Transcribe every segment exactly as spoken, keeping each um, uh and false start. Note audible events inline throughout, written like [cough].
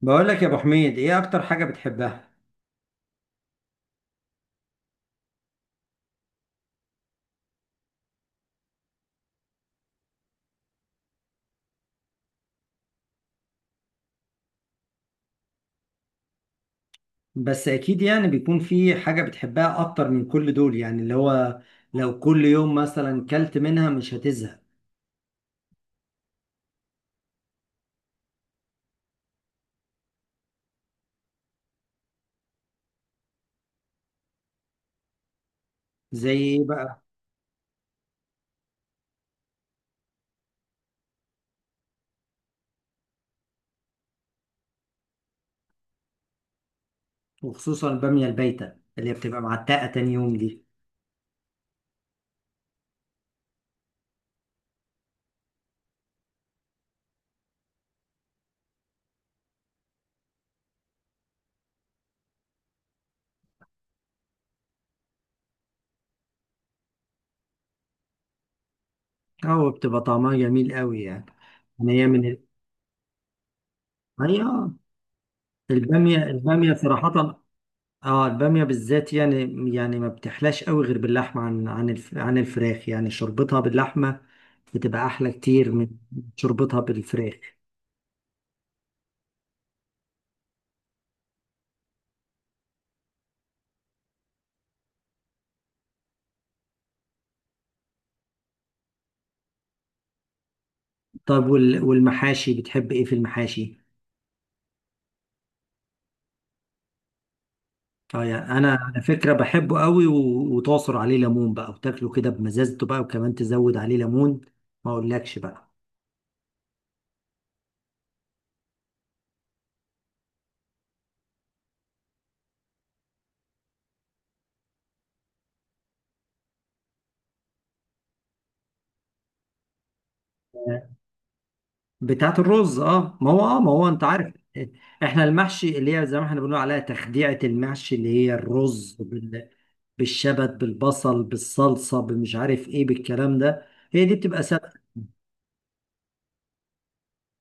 بقول لك يا ابو حميد، ايه اكتر حاجة بتحبها؟ بس اكيد يعني بيكون في حاجة بتحبها اكتر من كل دول، يعني اللي هو لو كل يوم مثلا كلت منها مش هتزهق. زي ايه بقى؟ وخصوصا البامية البايتة اللي هي بتبقى معتقة تاني يوم دي، او بتبقى طعمها جميل قوي يعني. يعني هي من ال... هي، آه، البامية البامية صراحة. اه، البامية بالذات يعني. يعني ما بتحلاش قوي غير باللحمة، عن عن الف... عن الفراخ، يعني شربتها باللحمة بتبقى احلى كتير من شربتها بالفراخ. طب وال- والمحاشي، بتحب ايه في المحاشي؟ اه، يعني انا على فكره بحبه قوي، و- وتعصر عليه ليمون بقى وتاكله كده بمزازته بقى، وكمان تزود عليه ليمون ما اقولكش بقى. بتاعت الرز، اه ما هو، اه ما هو انت عارف احنا المحشي اللي هي زي ما احنا بنقول عليها تخديعة المحشي، اللي هي الرز بال- بالشبت بالبصل بالصلصة بالمش عارف ايه بالكلام ده. هي دي بتبقى سهلة.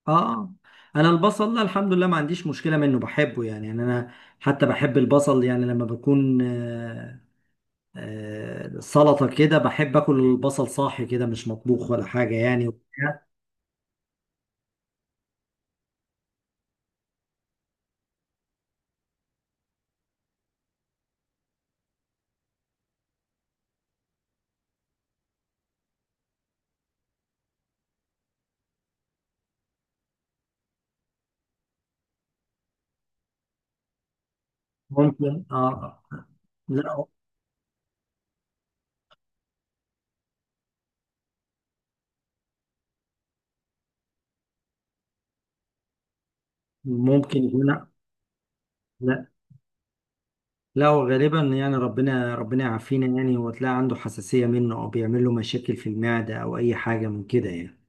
اه، انا البصل لا الحمد لله ما عنديش مشكله منه، بحبه يعني يعني انا حتى بحب البصل، يعني لما بكون آه، آه، سلطه كده بحب اكل البصل صاحي كده، مش مطبوخ ولا حاجه يعني وبتاع. ممكن، اه. لا. ممكن يكون. لا، لا، هو غالبا يعني ربنا ربنا يعافينا، يعني هو تلاقي عنده حساسيه منه، او بيعمل له مشاكل في المعده، او اي حاجه من كده يعني.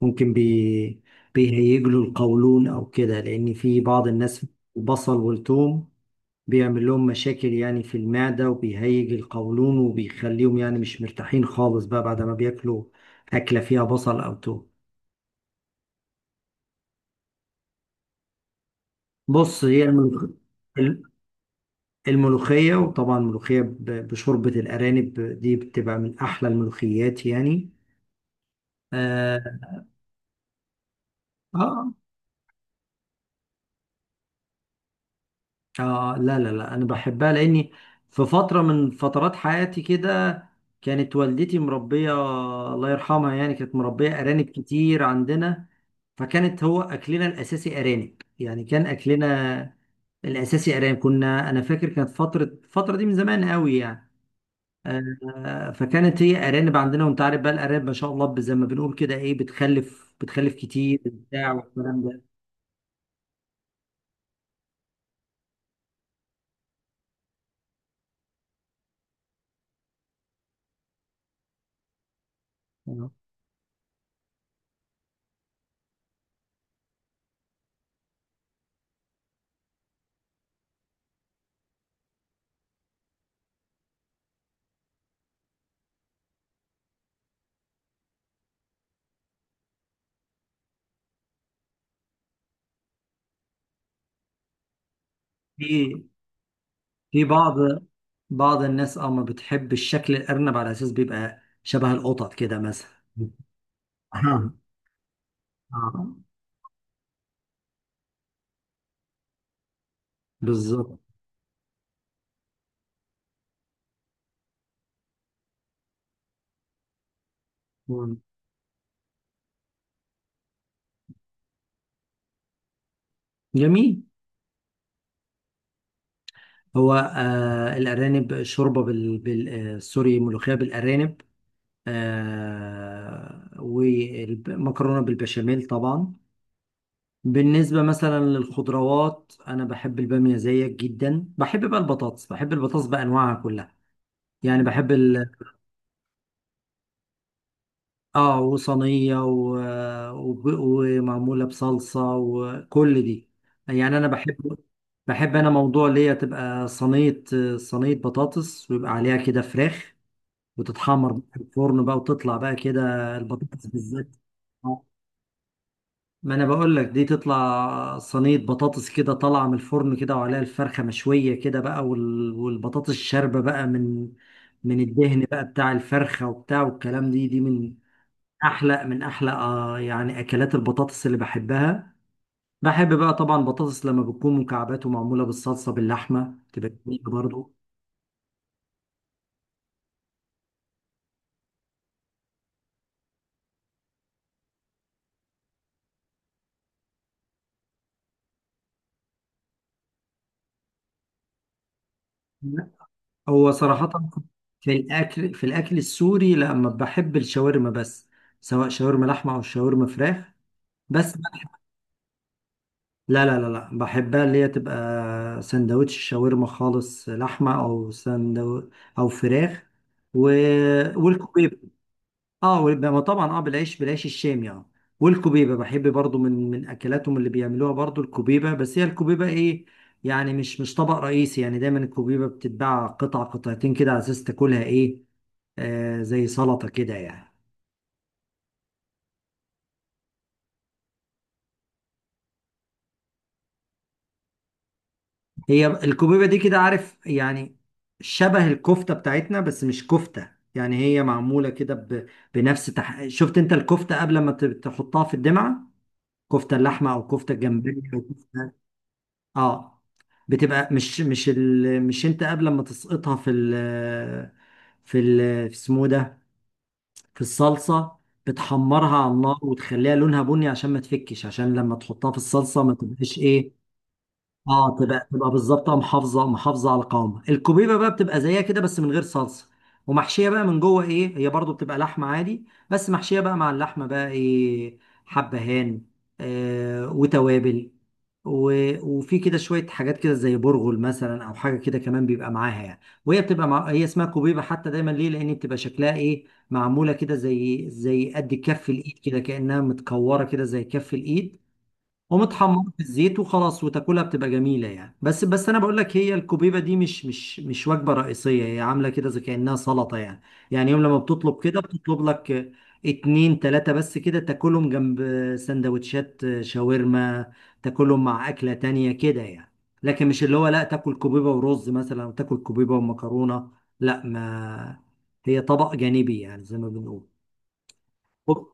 ممكن بي بيهيج له القولون او كده، لان في بعض الناس البصل والثوم بيعمل لهم مشاكل يعني في المعدة، وبيهيج القولون، وبيخليهم يعني مش مرتاحين خالص بقى بعد ما بياكلوا أكلة فيها بصل أو توم. بص، هي الملوخ- الملوخية، وطبعا الملوخية ب- بشوربة الأرانب دي بتبقى من أحلى الملوخيات يعني. آه, آه اه، لا لا لا، انا بحبها لاني في فتره من فترات حياتي كده كانت والدتي مربيه، الله يرحمها. يعني كانت مربيه ارانب كتير عندنا، فكانت هو اكلنا الاساسي ارانب. يعني كان اكلنا الاساسي ارانب، كنا انا فاكر كانت فتره، الفتره دي من زمان قوي يعني. آه، فكانت هي ارانب عندنا. وانت عارف بقى الارانب ما شاء الله، زي ما بنقول كده، ايه، بتخلف بتخلف كتير بتاع والكلام ده. آه، في في بعض بعض الناس اه ما بتحب الشكل الأرنب، على أساس بيبقى شبه القطط كده مثلا. [laughs] آه. آه. بالظبط. مم. جميل. هو آه الأرانب شوربة بال, بال آه سوري، ملوخية بالأرانب. آه والمكرونة بالبشاميل طبعا. بالنسبة مثلا للخضروات أنا بحب البامية زيك جدا. بحب بقى البطاطس بحب البطاطس بأنواعها كلها. يعني بحب ال- اه وصينية، و... وب- ومعمولة بصلصة، وكل دي. يعني انا بحب بحب انا موضوع اللي هي تبقى صينية صينية بطاطس ويبقى عليها كده فراخ، وتتحمر بقى في الفرن بقى، وتطلع بقى كده البطاطس بالذات. آه. ما انا بقول لك، دي تطلع صينية بطاطس كده طالعة من الفرن كده، وعليها الفرخة مشوية كده بقى، وال... والبطاطس شاربة بقى من من الدهن بقى بتاع الفرخة وبتاع والكلام دي دي من احلى من احلى، آه يعني اكلات البطاطس اللي بحبها. بحب بقى طبعا بطاطس لما بتكون مكعبات ومعموله بالصلصه باللحمه، تبقى جميله برضو. هو صراحه في الاكل في الاكل السوري، لما بحب الشاورما بس. سواء شاورما لحمه او شاورما فراخ، بس بحب. لا لا لا لا، بحبها اللي هي تبقى سندوتش شاورما خالص، لحمه او سندو او فراخ. و... والكوبيبه. اه والب- ما طبعا، اه، بالعيش بالعيش الشامي. اه، والكبيبه بحب برضو من من اكلاتهم اللي بيعملوها برضو الكبيبه. بس هي الكبيبه ايه؟ يعني مش مش طبق رئيسي، يعني دايما الكبيبه بتتباع قطع قطعتين كده على اساس تاكلها ايه؟ آه، زي سلطه كده يعني. هي الكبيبه دي كده عارف يعني شبه الكفته بتاعتنا، بس مش كفته. يعني هي معموله كده ب- بنفس تح... شفت انت الكفته قبل ما ت- تحطها في الدمعه، كفته اللحمه او كفته الجمبري. اه، بتبقى مش مش ال... مش انت قبل ما تسقطها في ال... في ال... في اسمه إيه ده، في الصلصه، بتحمرها على النار وتخليها لونها بني عشان ما تفكش، عشان لما تحطها في الصلصه ما تبقاش ايه. اه، تبقى تبقى بالظبط، آه، محافظه محافظه على قوامها. الكوبيبه بقى بتبقى زيها كده بس من غير صلصه، ومحشيه بقى من جوه ايه، هي برضو بتبقى لحمه عادي بس محشيه بقى مع اللحمه بقى ايه، حبهان، آه، وتوابل، و... وفي كده شويه حاجات كده زي برغل مثلا، او حاجه كده كمان بيبقى معاها يعني. وهي بتبقى مع... هي اسمها كوبيبه حتى دايما ليه، لان بتبقى شكلها ايه، معموله كده زي زي قد كف الايد كده، كانها متكوره كده زي كف الايد، ومتحمر في الزيت وخلاص وتاكلها بتبقى جميله يعني. بس بس انا بقول لك، هي الكوبيبه دي مش مش مش وجبه رئيسيه، هي عامله كده زي كانها سلطه يعني. يعني يوم لما بتطلب كده بتطلب لك اتنين تلاته بس كده، تاكلهم جنب سندوتشات شاورما، تاكلهم مع اكله تانية كده يعني. لكن مش اللي هو لا تاكل كوبيبه ورز مثلا، او تاكل كوبيبه ومكرونه. لا، ما هي طبق جانبي يعني زي ما بنقول. أوه.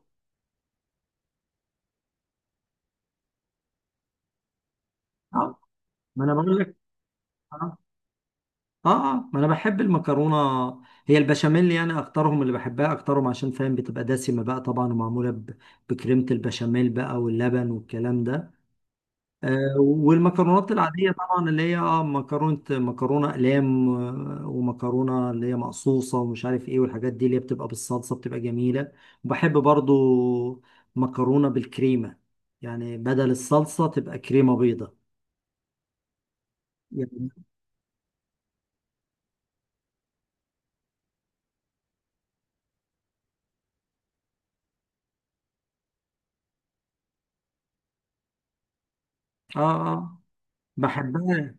ما انا بقول لك. اه آه، ما انا بحب المكرونه. هي البشاميل يعني اكترهم اللي بحبها اكترهم عشان فاهم بتبقى دسمه بقى طبعا، ومعموله ب- بكريمه البشاميل بقى واللبن والكلام ده. آه والمكرونات العاديه طبعا، اللي هي اه مكرونه مكرونه اقلام، آه، ومكرونه اللي هي مقصوصه ومش عارف ايه، والحاجات دي اللي هي بتبقى بالصلصه بتبقى جميله. وبحب برضو مكرونه بالكريمه، يعني بدل الصلصه تبقى كريمه بيضه يعني. اه، اه، بحبها.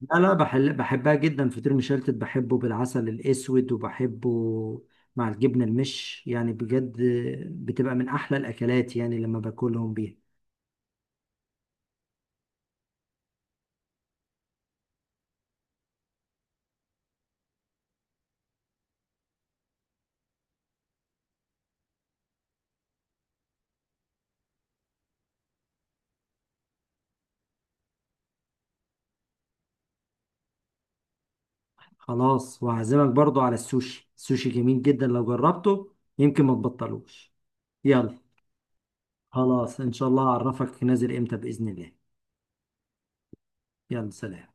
لا لا، بحل بحبها جدا. فطير مشلتت بحبه بالعسل الأسود، وبحبه مع الجبنة المش يعني، بجد بتبقى من أحلى الأكلات يعني لما باكلهم بيها. خلاص وهعزمك برضو على السوشي. السوشي جميل جدا، لو جربته يمكن ما تبطلوش. يلا. خلاص، إن شاء الله أعرفك نازل إمتى بإذن الله. يلا سلام.